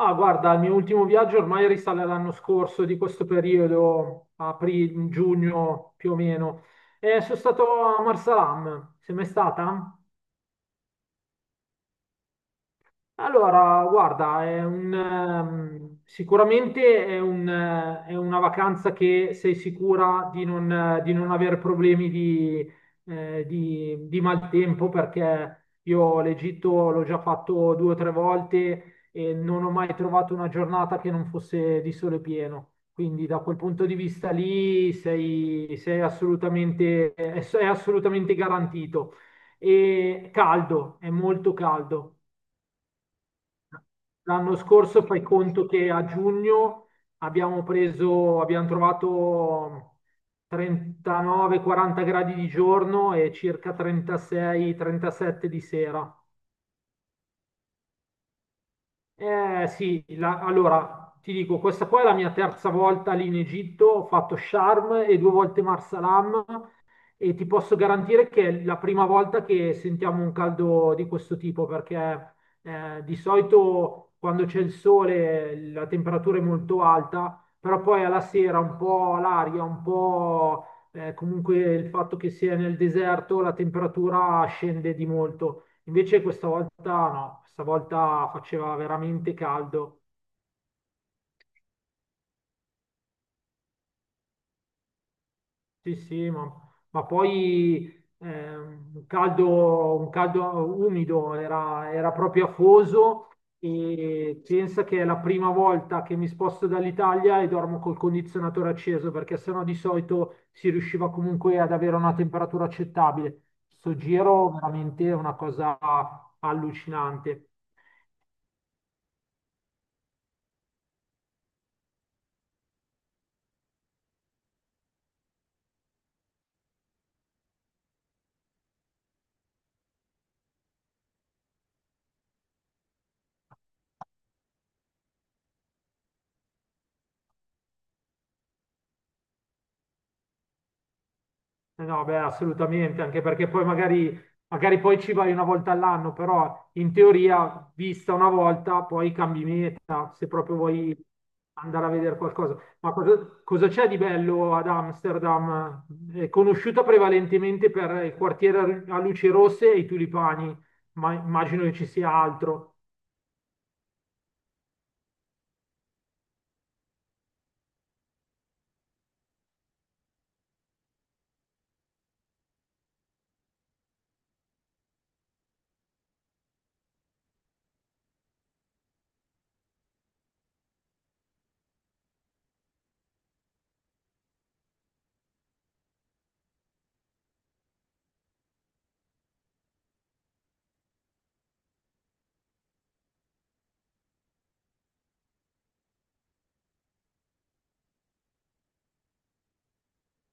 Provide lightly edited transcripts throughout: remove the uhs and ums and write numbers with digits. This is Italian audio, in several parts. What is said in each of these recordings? Ah, guarda, il mio ultimo viaggio ormai risale all'anno scorso, di questo periodo, aprile, giugno più o meno. E sono stato a Marsalam. Sei mai stata? Allora, guarda, sicuramente è una vacanza che sei sicura di non avere problemi di maltempo, perché io l'Egitto l'ho già fatto due o tre volte e non ho mai trovato una giornata che non fosse di sole pieno. Quindi da quel punto di vista lì sei assolutamente, è assolutamente garantito. E caldo, è molto caldo. L'anno scorso fai conto che a giugno abbiamo preso, abbiamo trovato 39-40 gradi di giorno e circa 36-37 di sera. Eh sì, allora ti dico, questa qua è la mia terza volta lì in Egitto, ho fatto Sharm e due volte Marsalam, e ti posso garantire che è la prima volta che sentiamo un caldo di questo tipo, perché di solito quando c'è il sole la temperatura è molto alta, però poi alla sera un po' l'aria, un po' comunque, il fatto che sia nel deserto, la temperatura scende di molto. Invece questa volta no, questa volta faceva veramente caldo. Sì, sì, ma, ma poi un caldo umido, era proprio afoso, e pensa che è la prima volta che mi sposto dall'Italia e dormo col condizionatore acceso perché sennò di solito si riusciva comunque ad avere una temperatura accettabile. Sto giro veramente è una cosa allucinante. Eh no, beh, assolutamente, anche perché poi magari, poi ci vai una volta all'anno, però in teoria, vista una volta, poi cambi meta se proprio vuoi andare a vedere qualcosa. Ma cosa, cosa c'è di bello ad Amsterdam? È conosciuta prevalentemente per il quartiere a luci rosse e i tulipani, ma immagino che ci sia altro.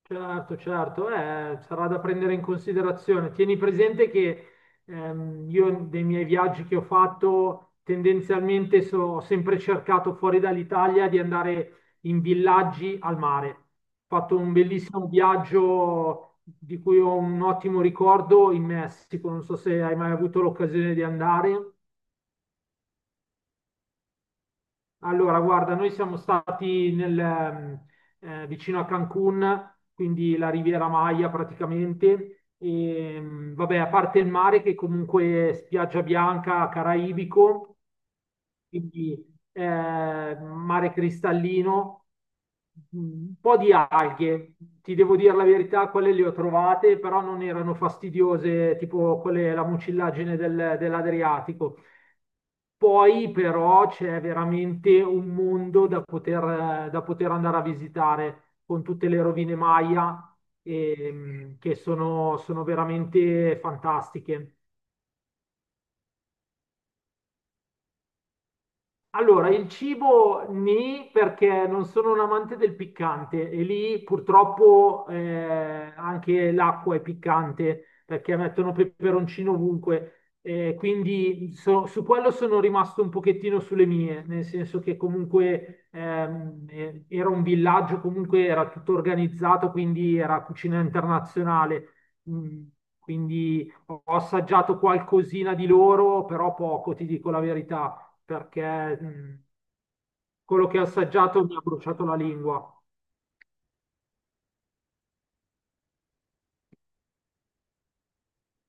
Certo, certo, sarà da prendere in considerazione. Tieni presente che io, dei miei viaggi che ho fatto, tendenzialmente ho sempre cercato, fuori dall'Italia, di andare in villaggi al mare. Ho fatto un bellissimo viaggio di cui ho un ottimo ricordo in Messico, non so se hai mai avuto l'occasione di andare. Allora, guarda, noi siamo stati vicino a Cancun, quindi la Riviera Maya praticamente. E, vabbè, a parte il mare, che comunque è spiaggia bianca, caraibico, quindi mare cristallino, un po' di alghe, ti devo dire la verità, quelle le ho trovate, però non erano fastidiose, tipo quelle, la mucillagine dell'Adriatico. Poi però c'è veramente un mondo da poter andare a visitare, con tutte le rovine Maya, che sono veramente fantastiche. Allora, il cibo nì, perché non sono un amante del piccante e lì purtroppo, anche l'acqua è piccante perché mettono peperoncino ovunque, quindi su quello sono rimasto un pochettino sulle mie, nel senso che comunque era un villaggio, comunque era tutto organizzato, quindi era cucina internazionale, Mm, quindi ho assaggiato qualcosina di loro, però poco, ti dico la verità, perché quello che ho assaggiato mi ha bruciato la lingua.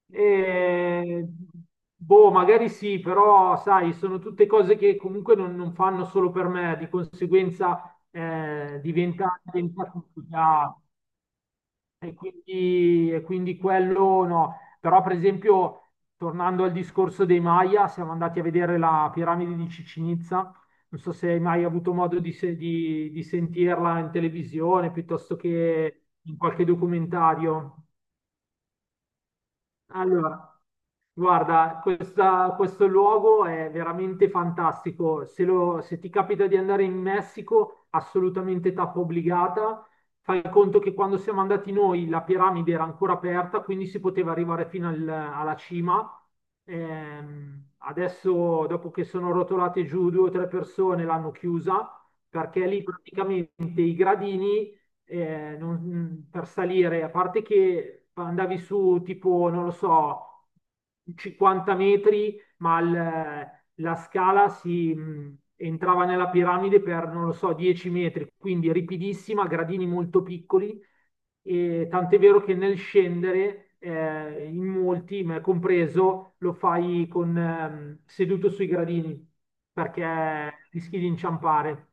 E, boh, magari sì, però sai, sono tutte cose che comunque non, non fanno solo per me, di conseguenza diventa complicato. E quindi quello no. Però, per esempio, tornando al discorso dei Maya, siamo andati a vedere la piramide di Cicinizza. Non so se hai mai avuto modo di, se- di sentirla in televisione piuttosto che in qualche documentario. Allora, guarda, questo luogo è veramente fantastico. Se, se ti capita di andare in Messico, assolutamente tappa obbligata. Fai conto che quando siamo andati noi la piramide era ancora aperta, quindi si poteva arrivare fino alla cima. Adesso, dopo che sono rotolate giù due o tre persone, l'hanno chiusa, perché lì praticamente i gradini per salire, a parte che andavi su tipo, non lo so, 50 metri, ma la scala entrava nella piramide per, non lo so, 10 metri, quindi ripidissima, gradini molto piccoli, e tant'è vero che nel scendere, in molti, me compreso, lo fai con, seduto sui gradini, perché rischi di inciampare.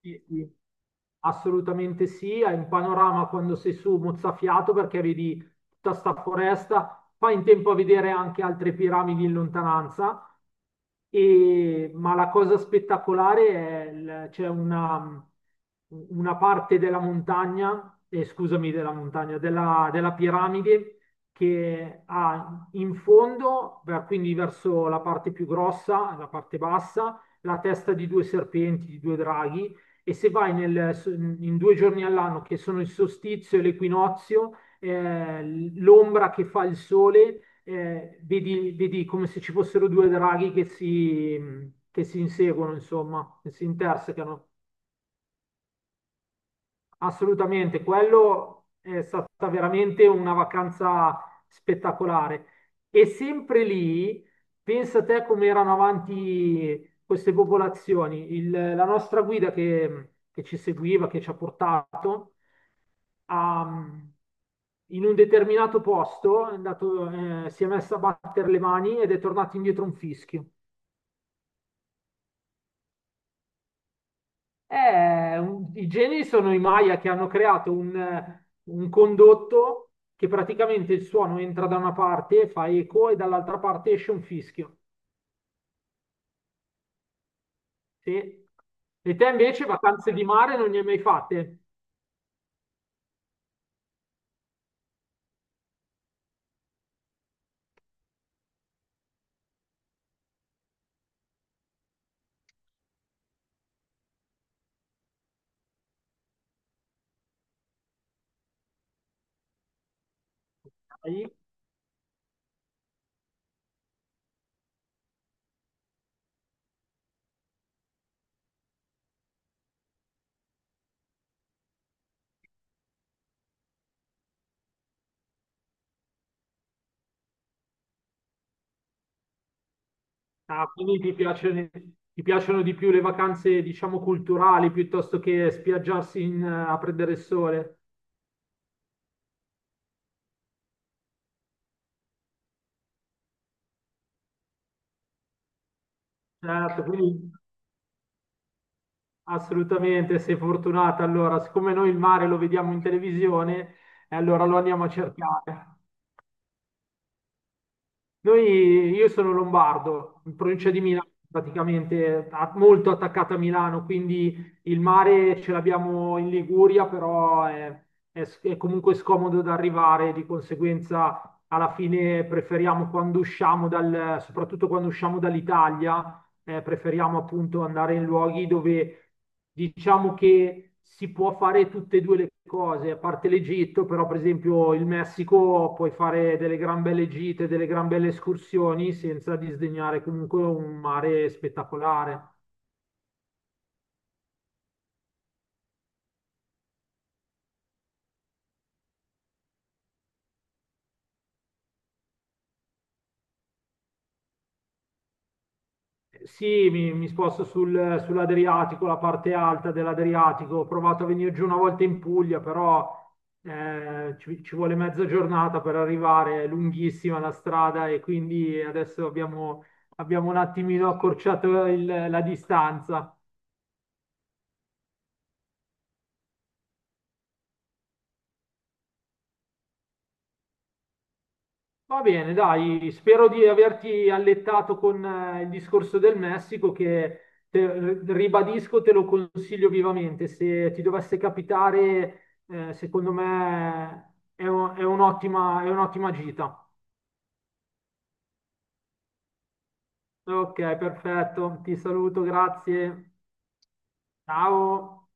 Sì, sì. Assolutamente sì, hai un panorama quando sei su mozzafiato, perché vedi tutta sta foresta, fai in tempo a vedere anche altre piramidi in lontananza, ma la cosa spettacolare è c'è una parte della montagna, scusami, della montagna, della piramide, che ha in fondo, beh, quindi verso la parte più grossa, la parte bassa, la testa di due serpenti, di due draghi, e se vai in due giorni all'anno, che sono il solstizio e l'equinozio, l'ombra che fa il sole, vedi come se ci fossero due draghi che si inseguono, insomma, che si intersecano. Assolutamente, quello è stata veramente una vacanza spettacolare. E sempre lì, pensa te come erano avanti queste popolazioni. La nostra guida che ci seguiva, che ci ha portato, ha- in un determinato posto è andato, si è messa a battere le mani ed è tornato indietro un fischio. I geni sono i Maya, che hanno creato un condotto che praticamente il suono entra da una parte, fa eco e dall'altra parte esce un fischio. Sì. E te invece vacanze di mare non ne hai mai fatte? Dai. Ah, quindi ti piacciono di più le vacanze, diciamo, culturali, piuttosto che spiaggiarsi a prendere il sole. Certo, quindi assolutamente, sei fortunata. Allora, siccome noi il mare lo vediamo in televisione, allora lo andiamo a cercare. Io sono lombardo, in provincia di Milano, praticamente molto attaccata a Milano, quindi il mare ce l'abbiamo in Liguria, però è comunque scomodo da arrivare, di conseguenza alla fine preferiamo quando usciamo soprattutto quando usciamo dall'Italia, preferiamo appunto andare in luoghi dove diciamo che si può fare tutte e due le cose, a parte l'Egitto, però per esempio il Messico, puoi fare delle gran belle gite, delle gran belle escursioni, senza disdegnare comunque un mare spettacolare. Sì, mi sposto sull'Adriatico, la parte alta dell'Adriatico. Ho provato a venire giù una volta in Puglia, però ci vuole mezza giornata per arrivare, è lunghissima la strada, e quindi adesso abbiamo un attimino accorciato la distanza. Va bene, dai, spero di averti allettato con il discorso del Messico, che ribadisco, te lo consiglio vivamente. Se ti dovesse capitare, secondo me è un'ottima gita. Ok, perfetto, ti saluto, grazie. Ciao.